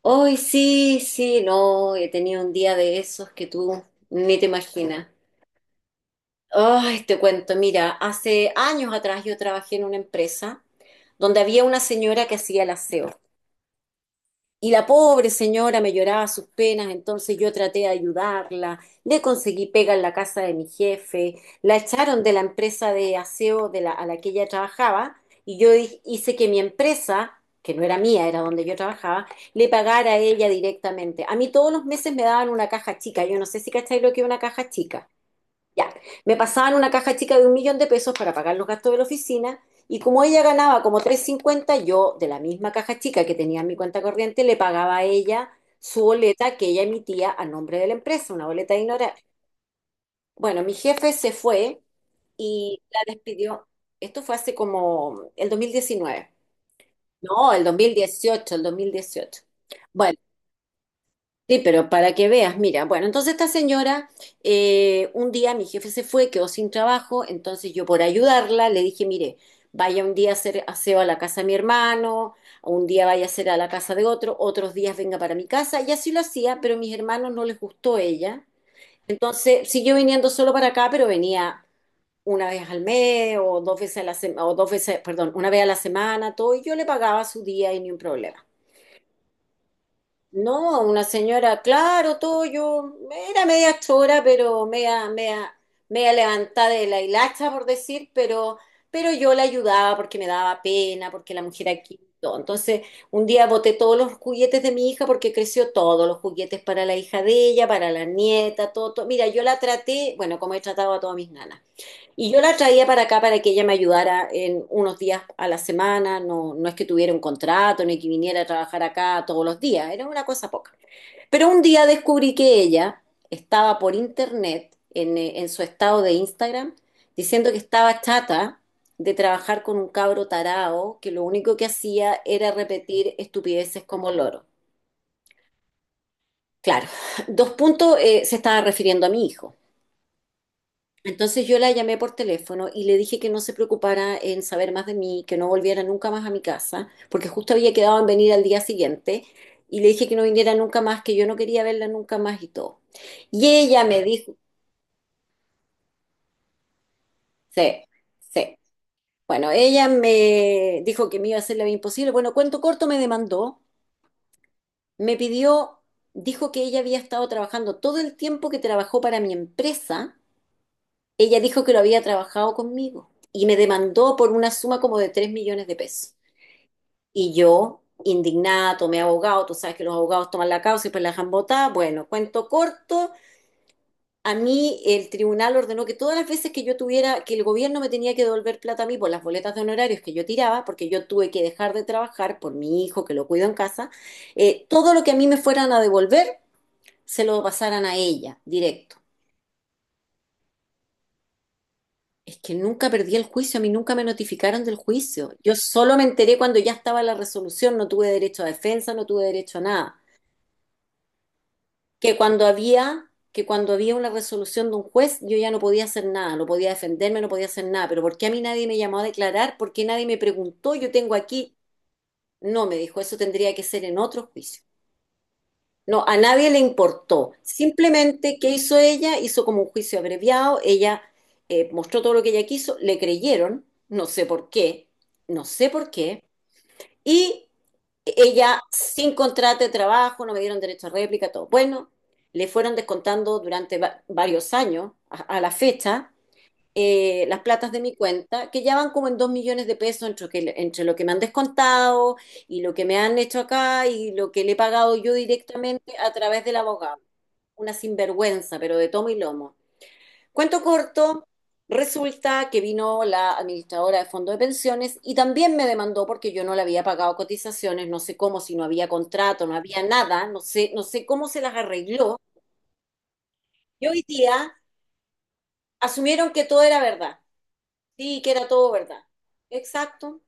Hoy sí, sí, no, he tenido un día de esos que tú ni te imaginas. Ay, te cuento, mira, hace años atrás yo trabajé en una empresa donde había una señora que hacía el aseo. Y la pobre señora me lloraba sus penas, entonces yo traté de ayudarla, le conseguí pega en la casa de mi jefe, la echaron de la empresa de aseo a la que ella trabajaba y yo hice que mi empresa, que no era mía, era donde yo trabajaba, le pagara a ella directamente. A mí todos los meses me daban una caja chica, yo no sé si cacháis lo que es una caja chica. Ya, me pasaban una caja chica de 1.000.000 de pesos para pagar los gastos de la oficina, y como ella ganaba como 350, yo de la misma caja chica que tenía en mi cuenta corriente le pagaba a ella su boleta que ella emitía a nombre de la empresa, una boleta de ignorar. Bueno, mi jefe se fue y la despidió. Esto fue hace como el 2019. No, el 2018, el 2018. Bueno, sí, pero para que veas, mira, bueno, entonces esta señora, un día mi jefe se fue, quedó sin trabajo, entonces yo por ayudarla le dije, mire, vaya un día a hacer aseo a la casa de mi hermano, un día vaya a hacer a la casa de otro, otros días venga para mi casa, y así lo hacía, pero a mis hermanos no les gustó ella, entonces siguió viniendo solo para acá, pero venía una vez al mes o dos veces a la semana, o dos veces, perdón, una vez a la semana, todo, y yo le pagaba su día y ni un problema. No, una señora, claro, todo yo, era media chora, pero media, media, media levantada de la hilacha, por decir, pero yo la ayudaba porque me daba pena, porque la mujer aquí, todo. Entonces, un día boté todos los juguetes de mi hija porque creció, todos los juguetes para la hija de ella, para la nieta, todo, todo. Mira, yo la traté, bueno, como he tratado a todas mis nanas. Y yo la traía para acá para que ella me ayudara en unos días a la semana, no, no es que tuviera un contrato ni que viniera a trabajar acá todos los días, era una cosa poca. Pero un día descubrí que ella estaba por internet, en su estado de Instagram, diciendo que estaba chata de trabajar con un cabro tarao que lo único que hacía era repetir estupideces como loro. Claro, dos puntos, se estaba refiriendo a mi hijo. Entonces yo la llamé por teléfono y le dije que no se preocupara en saber más de mí, que no volviera nunca más a mi casa, porque justo había quedado en venir al día siguiente, y le dije que no viniera nunca más, que yo no quería verla nunca más y todo. Y ella me dijo, sí, sí, bueno, ella me dijo que me iba a hacer la vida imposible. Bueno, cuento corto, me demandó, me pidió, dijo que ella había estado trabajando todo el tiempo que trabajó para mi empresa. Ella dijo que lo había trabajado conmigo, y me demandó por una suma como de 3.000.000 de pesos. Y yo, indignada, tomé abogado. Tú sabes que los abogados toman la causa y pues la dejan botada. Bueno, cuento corto, a mí el tribunal ordenó que todas las veces que yo tuviera, que el gobierno me tenía que devolver plata a mí por las boletas de honorarios que yo tiraba, porque yo tuve que dejar de trabajar por mi hijo que lo cuido en casa, todo lo que a mí me fueran a devolver se lo pasaran a ella, directo. Es que nunca perdí el juicio, a mí nunca me notificaron del juicio. Yo solo me enteré cuando ya estaba la resolución, no tuve derecho a defensa, no tuve derecho a nada. Que cuando había una resolución de un juez, yo ya no podía hacer nada, no podía defenderme, no podía hacer nada. Pero ¿por qué a mí nadie me llamó a declarar? ¿Por qué nadie me preguntó? Yo tengo aquí. No, me dijo, eso tendría que ser en otro juicio. No, a nadie le importó. Simplemente, ¿qué hizo ella? Hizo como un juicio abreviado. Ella mostró todo lo que ella quiso. Le creyeron, no sé por qué, no sé por qué. Y ella, sin contrato de trabajo, no me dieron derecho a réplica, todo. Bueno, le fueron descontando durante varios años a la fecha, las platas de mi cuenta, que ya van como en 2.000.000 de pesos entre, entre lo que me han descontado y lo que me han hecho acá y lo que le he pagado yo directamente a través del abogado. Una sinvergüenza, pero de tomo y lomo. Cuento corto, resulta que vino la administradora de fondo de pensiones y también me demandó porque yo no le había pagado cotizaciones, no sé cómo, si no había contrato, no había nada, no sé, no sé cómo se las arregló. Y hoy día asumieron que todo era verdad, sí, que era todo verdad. Exacto.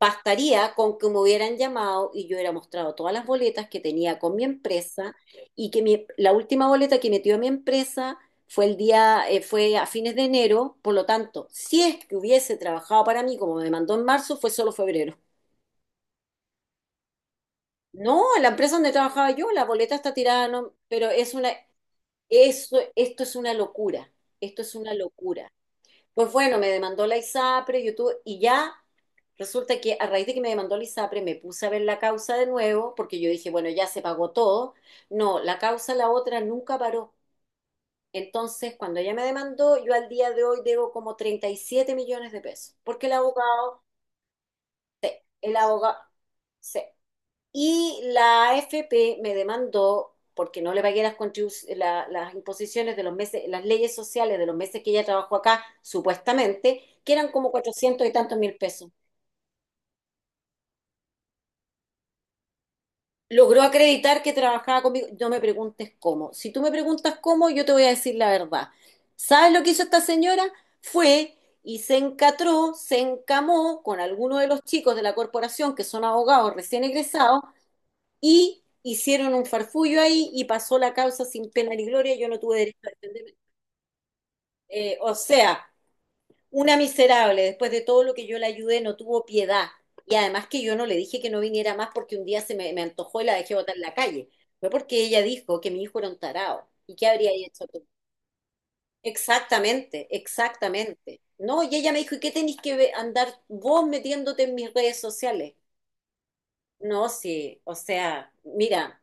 Bastaría con que me hubieran llamado y yo hubiera mostrado todas las boletas que tenía con mi empresa, y que la última boleta que metió a mi empresa fue a fines de enero, por lo tanto, si es que hubiese trabajado para mí como me mandó en marzo, fue solo febrero. No, la empresa donde trabajaba yo, la boleta está tirada, no, pero es una, eso, esto es una locura, esto es una locura. Pues bueno, me demandó la ISAPRE, YouTube, y ya resulta que a raíz de que me demandó la ISAPRE me puse a ver la causa de nuevo, porque yo dije, bueno, ya se pagó todo. No, la causa, la otra, nunca paró. Entonces, cuando ella me demandó, yo al día de hoy debo como 37.000.000 de pesos, porque el abogado, sí. Y la AFP me demandó porque no le pagué las, las imposiciones de los meses, las leyes sociales de los meses que ella trabajó acá, supuestamente, que eran como 400 y tantos mil pesos. Logró acreditar que trabajaba conmigo. No me preguntes cómo. Si tú me preguntas cómo, yo te voy a decir la verdad. ¿Sabes lo que hizo esta señora? Fue y se encatró, se encamó con alguno de los chicos de la corporación que son abogados recién egresados, y hicieron un farfullo ahí y pasó la causa sin pena ni gloria, yo no tuve derecho a defenderme. O sea, una miserable, después de todo lo que yo le ayudé, no tuvo piedad. Y además, que yo no le dije que no viniera más porque un día se me, me antojó y la dejé botar en la calle. Fue porque ella dijo que mi hijo era un tarao. ¿Y qué habría hecho tú? Exactamente, exactamente. No, y ella me dijo, ¿y qué tenés que andar vos metiéndote en mis redes sociales? No, sí, o sea, mira,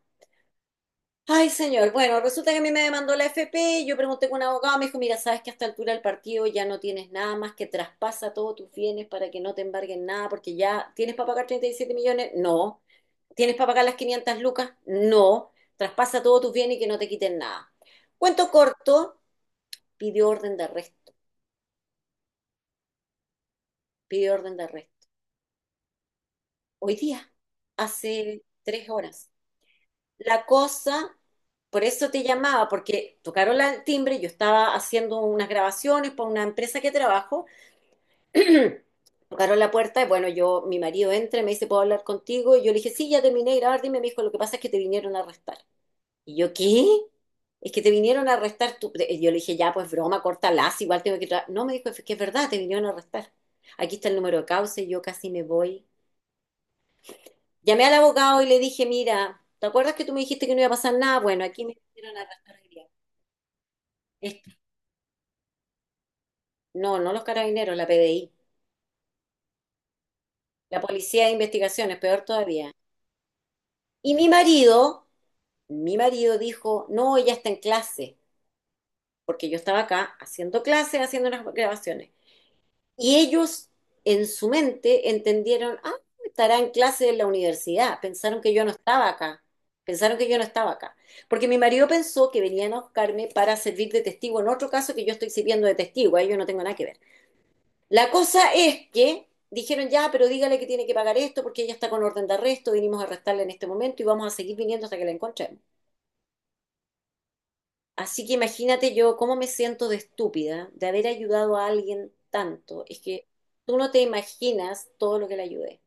ay, señor. Bueno, resulta que a mí me demandó la FP, yo pregunté con un abogado, me dijo, mira, sabes que a esta altura del partido ya no tienes nada más que traspasa todos tus bienes para que no te embarguen nada, porque ya tienes para pagar 37.000.000, no. ¿Tienes para pagar las 500 lucas? No. Traspasa todos tus bienes y que no te quiten nada. Cuento corto, pidió orden de arresto, pidió orden de arresto. Hoy día, hace 3 horas. La cosa, por eso te llamaba, porque tocaron el timbre, yo estaba haciendo unas grabaciones para una empresa que trabajo, tocaron la puerta y bueno, yo, mi marido entra y me dice, ¿puedo hablar contigo? Y yo le dije, sí, ya terminé de grabar, dime. Me dijo, lo que pasa es que te vinieron a arrestar. Y yo, ¿qué? Es que te vinieron a arrestar. Tú. Y yo le dije, ya, pues broma, cortalas, igual tengo que trabajar. No, me dijo, es que es verdad, te vinieron a arrestar. Aquí está el número de causa y yo casi me voy. Llamé al abogado y le dije, mira, ¿te acuerdas que tú me dijiste que no iba a pasar nada? Bueno, aquí me metieron a rastrería. Esto. No, no los carabineros, la PDI, la Policía de Investigaciones, peor todavía. Y mi marido dijo, no, ella está en clase, porque yo estaba acá haciendo clases, haciendo unas grabaciones. Y ellos en su mente entendieron, ah, estará en clase en la universidad. Pensaron que yo no estaba acá. Pensaron que yo no estaba acá. Porque mi marido pensó que venían a buscarme para servir de testigo en otro caso que yo estoy sirviendo de testigo. Ahí yo no tengo nada que ver. La cosa es que dijeron, ya, pero dígale que tiene que pagar esto porque ella está con orden de arresto. Vinimos a arrestarla en este momento y vamos a seguir viniendo hasta que la encontremos. Así que imagínate yo cómo me siento de estúpida de haber ayudado a alguien tanto. Es que tú no te imaginas todo lo que le ayudé.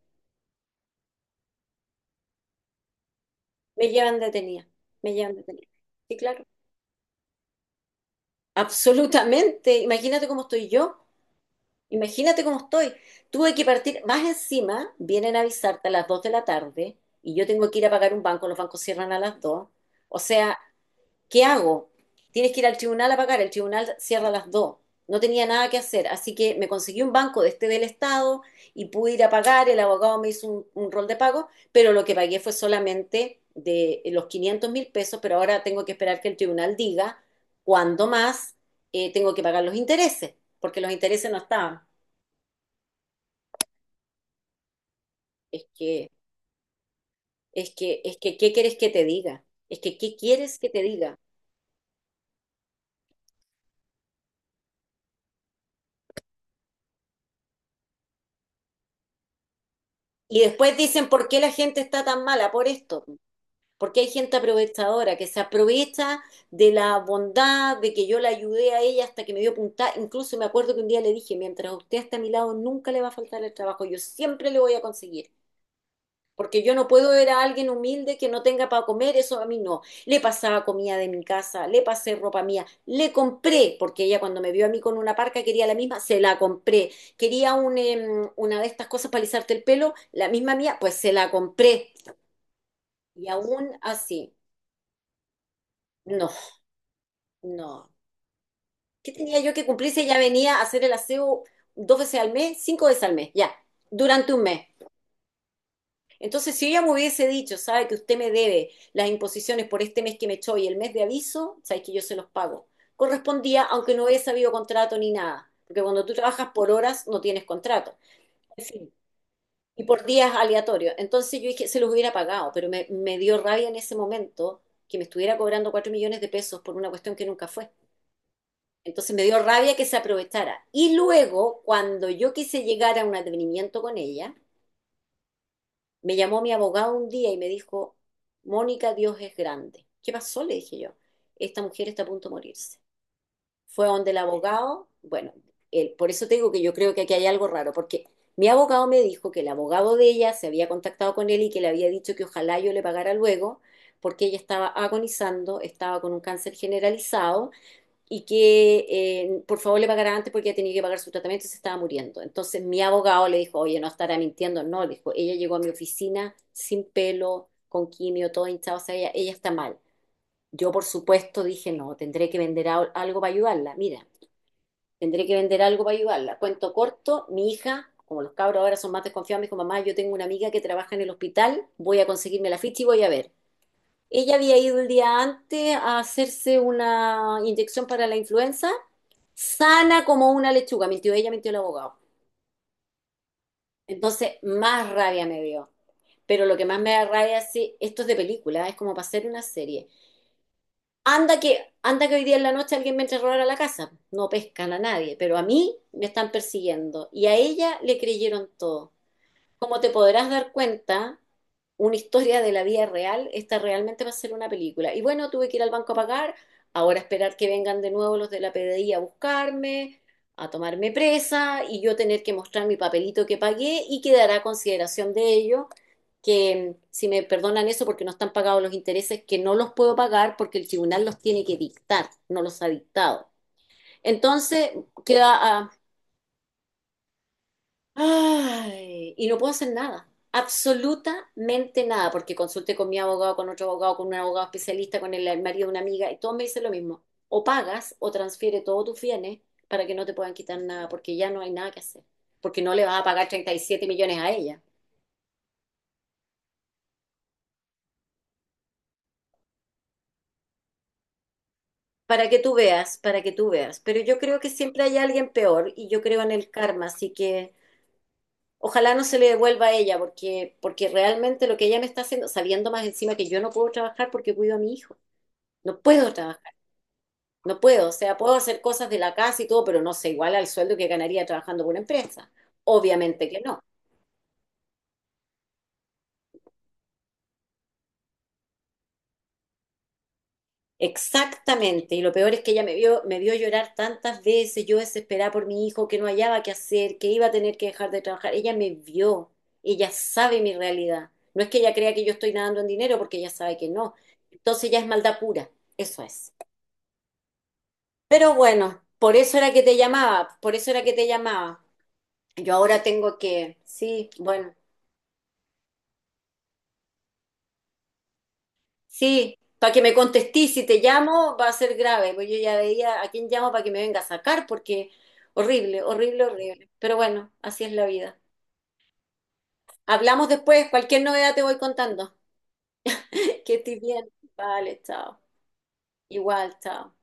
Me llevan detenida, me llevan detenida. Sí, claro. Absolutamente. Imagínate cómo estoy yo. Imagínate cómo estoy. Tuve que partir. Más encima, vienen a avisarte a las 2 de la tarde y yo tengo que ir a pagar un banco. Los bancos cierran a las 2. O sea, ¿qué hago? Tienes que ir al tribunal a pagar, el tribunal cierra a las 2. No tenía nada que hacer, así que me conseguí un banco de este del Estado y pude ir a pagar, el abogado me hizo un rol de pago, pero lo que pagué fue solamente de los 500.000 pesos, pero ahora tengo que esperar que el tribunal diga cuándo más tengo que pagar los intereses, porque los intereses no estaban. Es que, es que, ¿qué quieres que te diga? Es que, ¿qué quieres que te diga? Y después dicen, ¿por qué la gente está tan mala por esto? Porque hay gente aprovechadora que se aprovecha de la bondad, de que yo la ayudé a ella hasta que me dio puntada. Incluso me acuerdo que un día le dije, mientras usted esté a mi lado, nunca le va a faltar el trabajo, yo siempre le voy a conseguir. Porque yo no puedo ver a alguien humilde que no tenga para comer, eso a mí no. Le pasaba comida de mi casa, le pasé ropa mía, le compré, porque ella cuando me vio a mí con una parca quería la misma, se la compré. Quería un, una de estas cosas para alisarte el pelo, la misma mía, pues se la compré. Y aún así, no, no. ¿Qué tenía yo que cumplir si ella venía a hacer el aseo dos veces al mes, cinco veces al mes, ya, durante un mes? Entonces, si ella me hubiese dicho, sabe que usted me debe las imposiciones por este mes que me echó y el mes de aviso, sabe que yo se los pago. Correspondía, aunque no hubiese habido contrato ni nada, porque cuando tú trabajas por horas no tienes contrato. En fin, y por días aleatorios. Entonces yo dije, se los hubiera pagado, pero me dio rabia en ese momento que me estuviera cobrando 4 millones de pesos por una cuestión que nunca fue. Entonces me dio rabia que se aprovechara. Y luego, cuando yo quise llegar a un advenimiento con ella, me llamó mi abogado un día y me dijo, Mónica, Dios es grande. ¿Qué pasó? Le dije yo. Esta mujer está a punto de morirse. Fue donde el abogado, bueno, por eso te digo que yo creo que aquí hay algo raro, porque mi abogado me dijo que el abogado de ella se había contactado con él y que le había dicho que ojalá yo le pagara luego, porque ella estaba agonizando, estaba con un cáncer generalizado y que por favor le pagara antes porque ella tenía que pagar su tratamiento y se estaba muriendo. Entonces mi abogado le dijo, oye, no estará mintiendo. No, le dijo, ella llegó a mi oficina sin pelo, con quimio, todo hinchado, o sea, ella está mal. Yo, por supuesto, dije, no, tendré que vender algo para ayudarla. Mira, tendré que vender algo para ayudarla. Cuento corto, mi hija, como los cabros ahora son más desconfiados, me dijo, mamá, yo tengo una amiga que trabaja en el hospital, voy a conseguirme la ficha y voy a ver. Ella había ido el día antes a hacerse una inyección para la influenza, sana como una lechuga. Mintió ella, mintió el abogado. Entonces, más rabia me dio. Pero lo que más me da rabia es si esto es de película, es como para hacer una serie. Anda que hoy día en la noche alguien me entre a robar a la casa. No pescan a nadie, pero a mí me están persiguiendo. Y a ella le creyeron todo. Como te podrás dar cuenta, una historia de la vida real está realmente para ser una película. Y bueno, tuve que ir al banco a pagar, ahora esperar que vengan de nuevo los de la PDI a buscarme, a tomarme presa y yo tener que mostrar mi papelito que pagué y quedará a consideración de ellos que si me perdonan eso porque no están pagados los intereses, que no los puedo pagar porque el tribunal los tiene que dictar, no los ha dictado. Entonces, queda a, ay, y no puedo hacer nada, absolutamente nada, porque consulté con mi abogado, con otro abogado, con un abogado especialista, con el marido de una amiga, y todos me dicen lo mismo. O pagas o transfiere todos tus bienes para que no te puedan quitar nada, porque ya no hay nada que hacer, porque no le vas a pagar 37 millones a ella. Para que tú veas, para que tú veas. Pero yo creo que siempre hay alguien peor y yo creo en el karma, así que ojalá no se le devuelva a ella, porque, porque realmente lo que ella me está haciendo, sabiendo más encima que yo no puedo trabajar porque cuido a mi hijo. No puedo trabajar, no puedo. O sea, puedo hacer cosas de la casa y todo, pero no sé, igual al sueldo que ganaría trabajando por una empresa. Obviamente que no. Exactamente. Y lo peor es que ella me vio llorar tantas veces, yo desesperada por mi hijo, que no hallaba qué hacer, que iba a tener que dejar de trabajar. Ella me vio, ella sabe mi realidad. No es que ella crea que yo estoy nadando en dinero, porque ella sabe que no. Entonces ya es maldad pura, eso es. Pero bueno, por eso era que te llamaba, por eso era que te llamaba. Yo ahora tengo que, sí, bueno, sí, para que me contestís, si te llamo va a ser grave, pues yo ya veía a quién llamo para que me venga a sacar, porque horrible, horrible, horrible. Pero bueno, así es la vida. Hablamos después, cualquier novedad te voy contando. Que estés bien. Vale, chao. Igual, chao.